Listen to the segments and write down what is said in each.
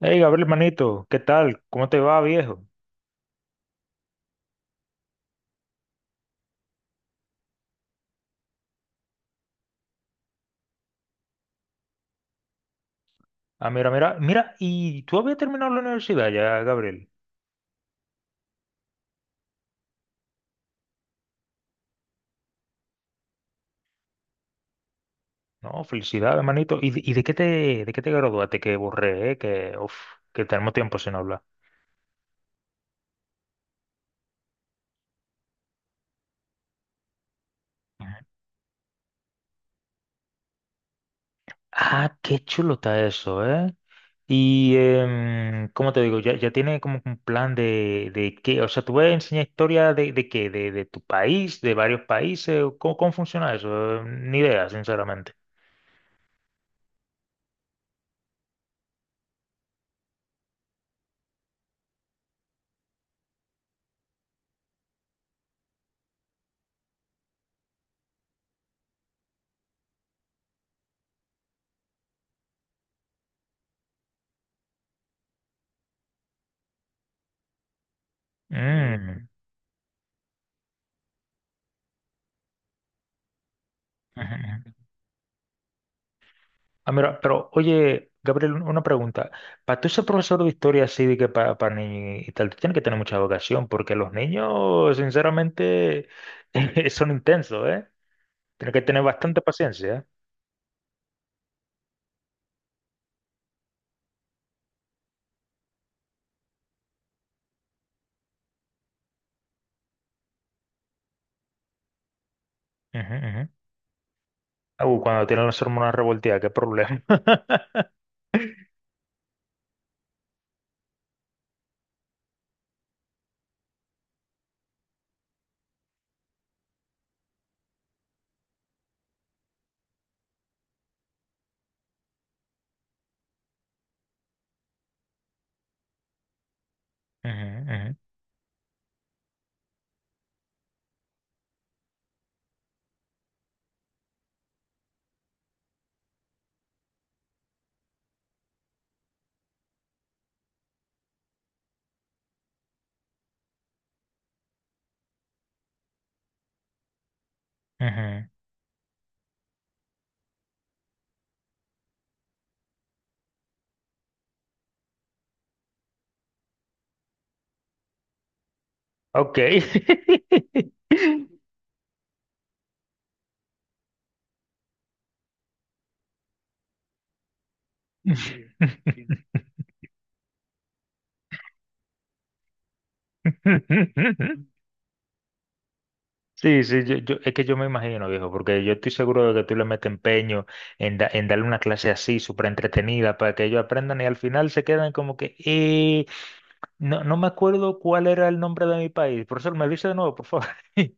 Hey, Gabriel, manito, ¿qué tal? ¿Cómo te va, viejo? Ah, mira, ¿y tú habías terminado la universidad ya, Gabriel? No, felicidades, manito. ¿Y de qué te graduaste? Que borré, que, que tenemos tiempo sin hablar. Ujú. Ah, qué chulo está eso, ¿eh? Y, ¿cómo te digo? Ya tiene como un plan de qué, o sea, ¿tú vas a enseñar historia de qué? ¿De tu país, de varios países? ¿Cómo funciona eso? Ni idea, sinceramente. Mm. Ujú, ujú. Ah, mira, pero oye, Gabriel, una pregunta. Para tú ser profesor de historia así de que para niños y tal, tú tienes que tener mucha vocación, porque los niños, sinceramente, son intensos, ¿eh? Tienes que tener bastante paciencia. ¿Eh? Ujú, ujú. Ah, cuando tienen las hormonas revolteadas, qué problema. Ujú, ujú, ujú. Ok. Sí, sí, es que yo me imagino, viejo, porque yo estoy seguro de que tú le metes empeño en, en darle una clase así, súper entretenida, para que ellos aprendan y al final se quedan como que, no, no me acuerdo cuál era el nombre de mi país. Profesor, me dice de nuevo, por favor.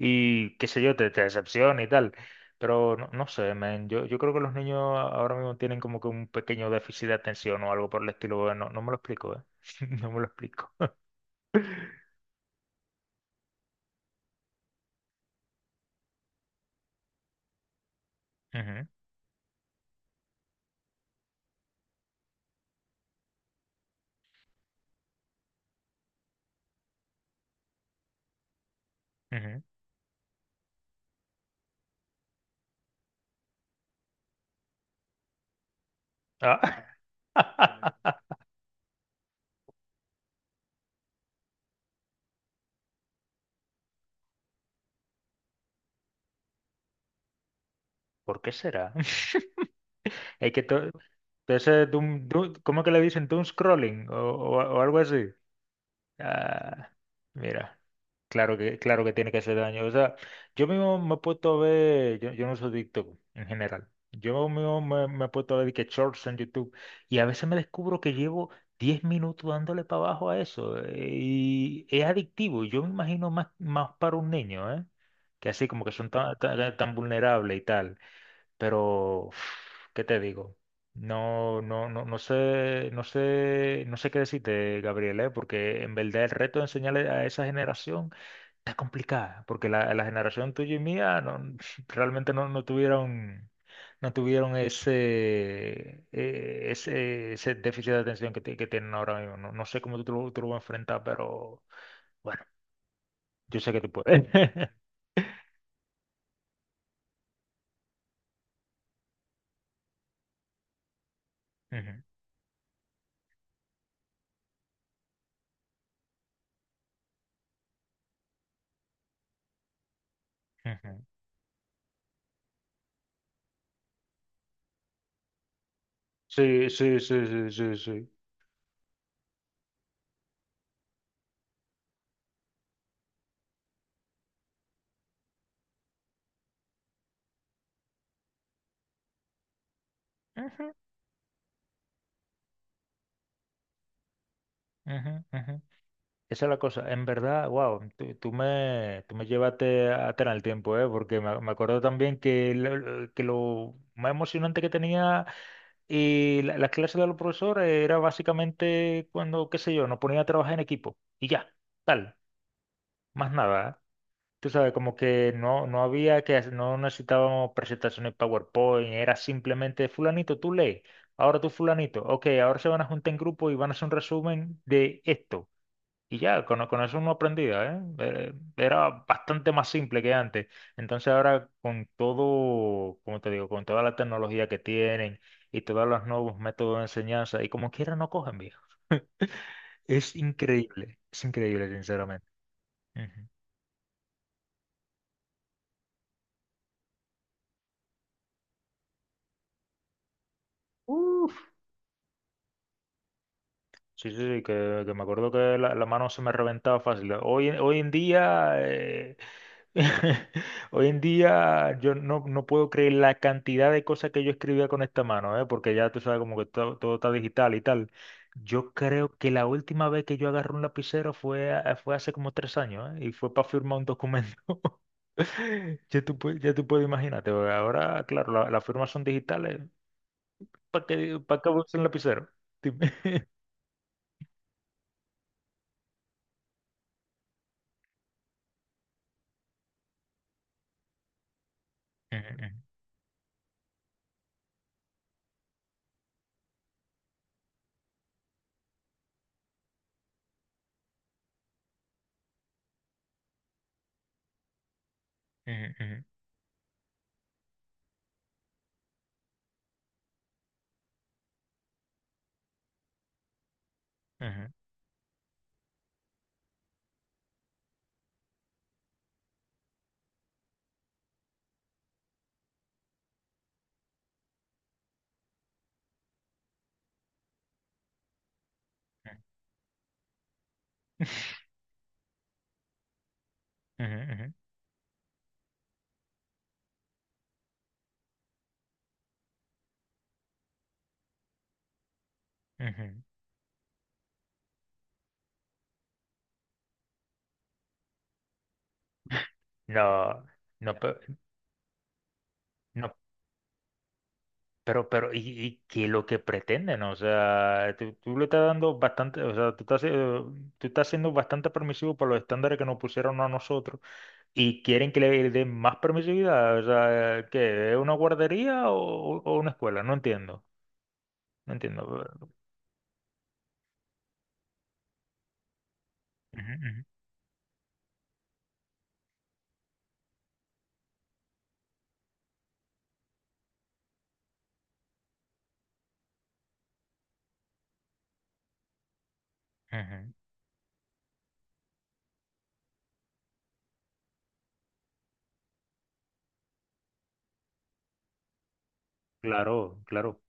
Y qué sé yo, te decepciona y tal. Pero no, no sé, man, yo creo que los niños ahora mismo tienen como que un pequeño déficit de atención o algo por el estilo. Bueno, no, no me lo explico, ¿eh? No me lo explico. Ujú, ujú. Ah. ¿Por qué será? Es que todo. De ese ¿cómo que le dicen? Doom scrolling o algo así. Ah, mira, claro que tiene que hacer daño. O sea, yo mismo me he puesto a ver, yo no soy adicto en general. Yo mismo me he puesto a ver de que shorts en YouTube y a veces me descubro que llevo 10 minutos dándole para abajo a eso, y es adictivo. Yo me imagino más para un niño, ¿eh? Que así como que son tan, tan, tan vulnerables y tal, pero uf, ¿qué te digo? No sé, no sé qué decirte, Gabriel, ¿eh? Porque en verdad el reto de enseñarle a esa generación está complicada, porque la generación tuya y mía no, realmente no, no tuvieron, no tuvieron ese, ese déficit de atención que tienen ahora mismo. No, no sé cómo tú, tú lo vas a enfrentar, pero bueno, yo sé que tú puedes. Ujú, ujú. Sí, sí, sí, sí, sí, sí. Ujú, ujú, ujú. Esa es la cosa, en verdad, wow, tú, tú me llevaste atrás en el tiempo, ¿eh? Porque me acuerdo también que lo más emocionante que tenía y las clases de los profesores era básicamente cuando, qué sé yo, nos ponían a trabajar en equipo y ya, tal, más nada, ¿eh? Tú sabes, como que no, no había que no necesitábamos presentaciones PowerPoint, era simplemente fulanito, tú lees, ahora tú fulanito, ok, ahora se van a juntar en grupo y van a hacer un resumen de esto. Y ya, con eso uno aprendía, ¿eh? Era bastante más simple que antes. Entonces ahora con todo, como te digo, con toda la tecnología que tienen y todos los nuevos métodos de enseñanza, y como quiera no cogen, viejo. Es increíble, sinceramente. Ujú. Uf. Sí, sí, sí, que me acuerdo que la mano se me reventaba fácil. Hoy en día, Hoy en día yo no, no puedo creer la cantidad de cosas que yo escribía con esta mano, ¿eh? Porque ya tú sabes como que todo, todo está digital y tal. Yo creo que la última vez que yo agarré un lapicero fue, fue hace como 3 años, ¿eh? Y fue para firmar un documento. Ya tú, ya tú puedes imaginarte, porque ahora, claro, las firmas son digitales. Para qué usas un lapicero? Dime. Ujú, ujú, ujú, ujú, ujú, ujú, ujú, ujú. No, no, pe- no, pero, y qué es lo que pretenden, o sea, tú le estás dando bastante, o sea, tú estás siendo bastante permisivo para los estándares que nos pusieron a nosotros y quieren que le den más permisividad, o sea, ¿qué? ¿Es una guardería o una escuela? No entiendo, no entiendo. Ujú, ujú, ujú. Claro, claro.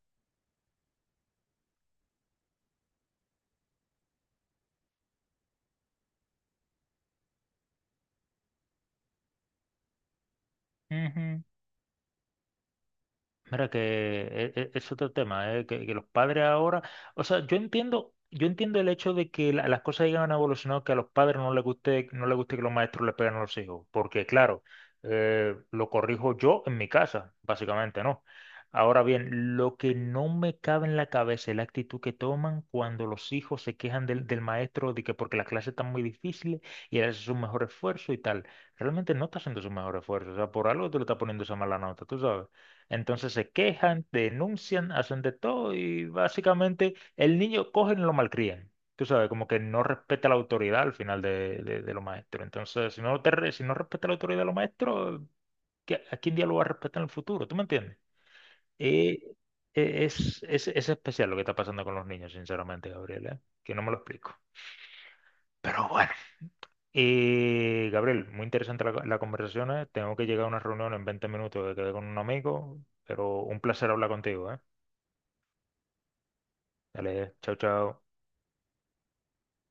Mira que es, otro tema, ¿eh? Que los padres ahora, o sea, yo entiendo el hecho de que las cosas hayan evolucionado, que a los padres no les guste, no les guste que los maestros le peguen a los hijos, porque claro, lo corrijo yo en mi casa, básicamente, ¿no? Ahora bien, lo que no me cabe en la cabeza es la actitud que toman cuando los hijos se quejan del maestro de que porque las clases están muy difíciles y él hace su mejor esfuerzo y tal. Realmente no está haciendo su mejor esfuerzo, o sea, por algo te lo está poniendo esa mala nota, tú sabes. Entonces se quejan, denuncian, hacen de todo y básicamente el niño cogen y lo malcrían. Tú sabes, como que no respeta la autoridad al final de los maestros. Entonces, si no, si no respeta la autoridad de los maestros, ¿qué- ¿a quién día lo va a respetar en el futuro? ¿Tú me entiendes? Eh, es, es especial lo que está pasando con los niños, sinceramente, Gabriel, ¿eh? Que no me lo explico. Pero bueno. Gabriel, muy interesante la conversación, ¿eh? Tengo que llegar a una reunión en 20 minutos que quedé con un amigo, pero un placer hablar contigo, ¿eh? Dale, chao, chao.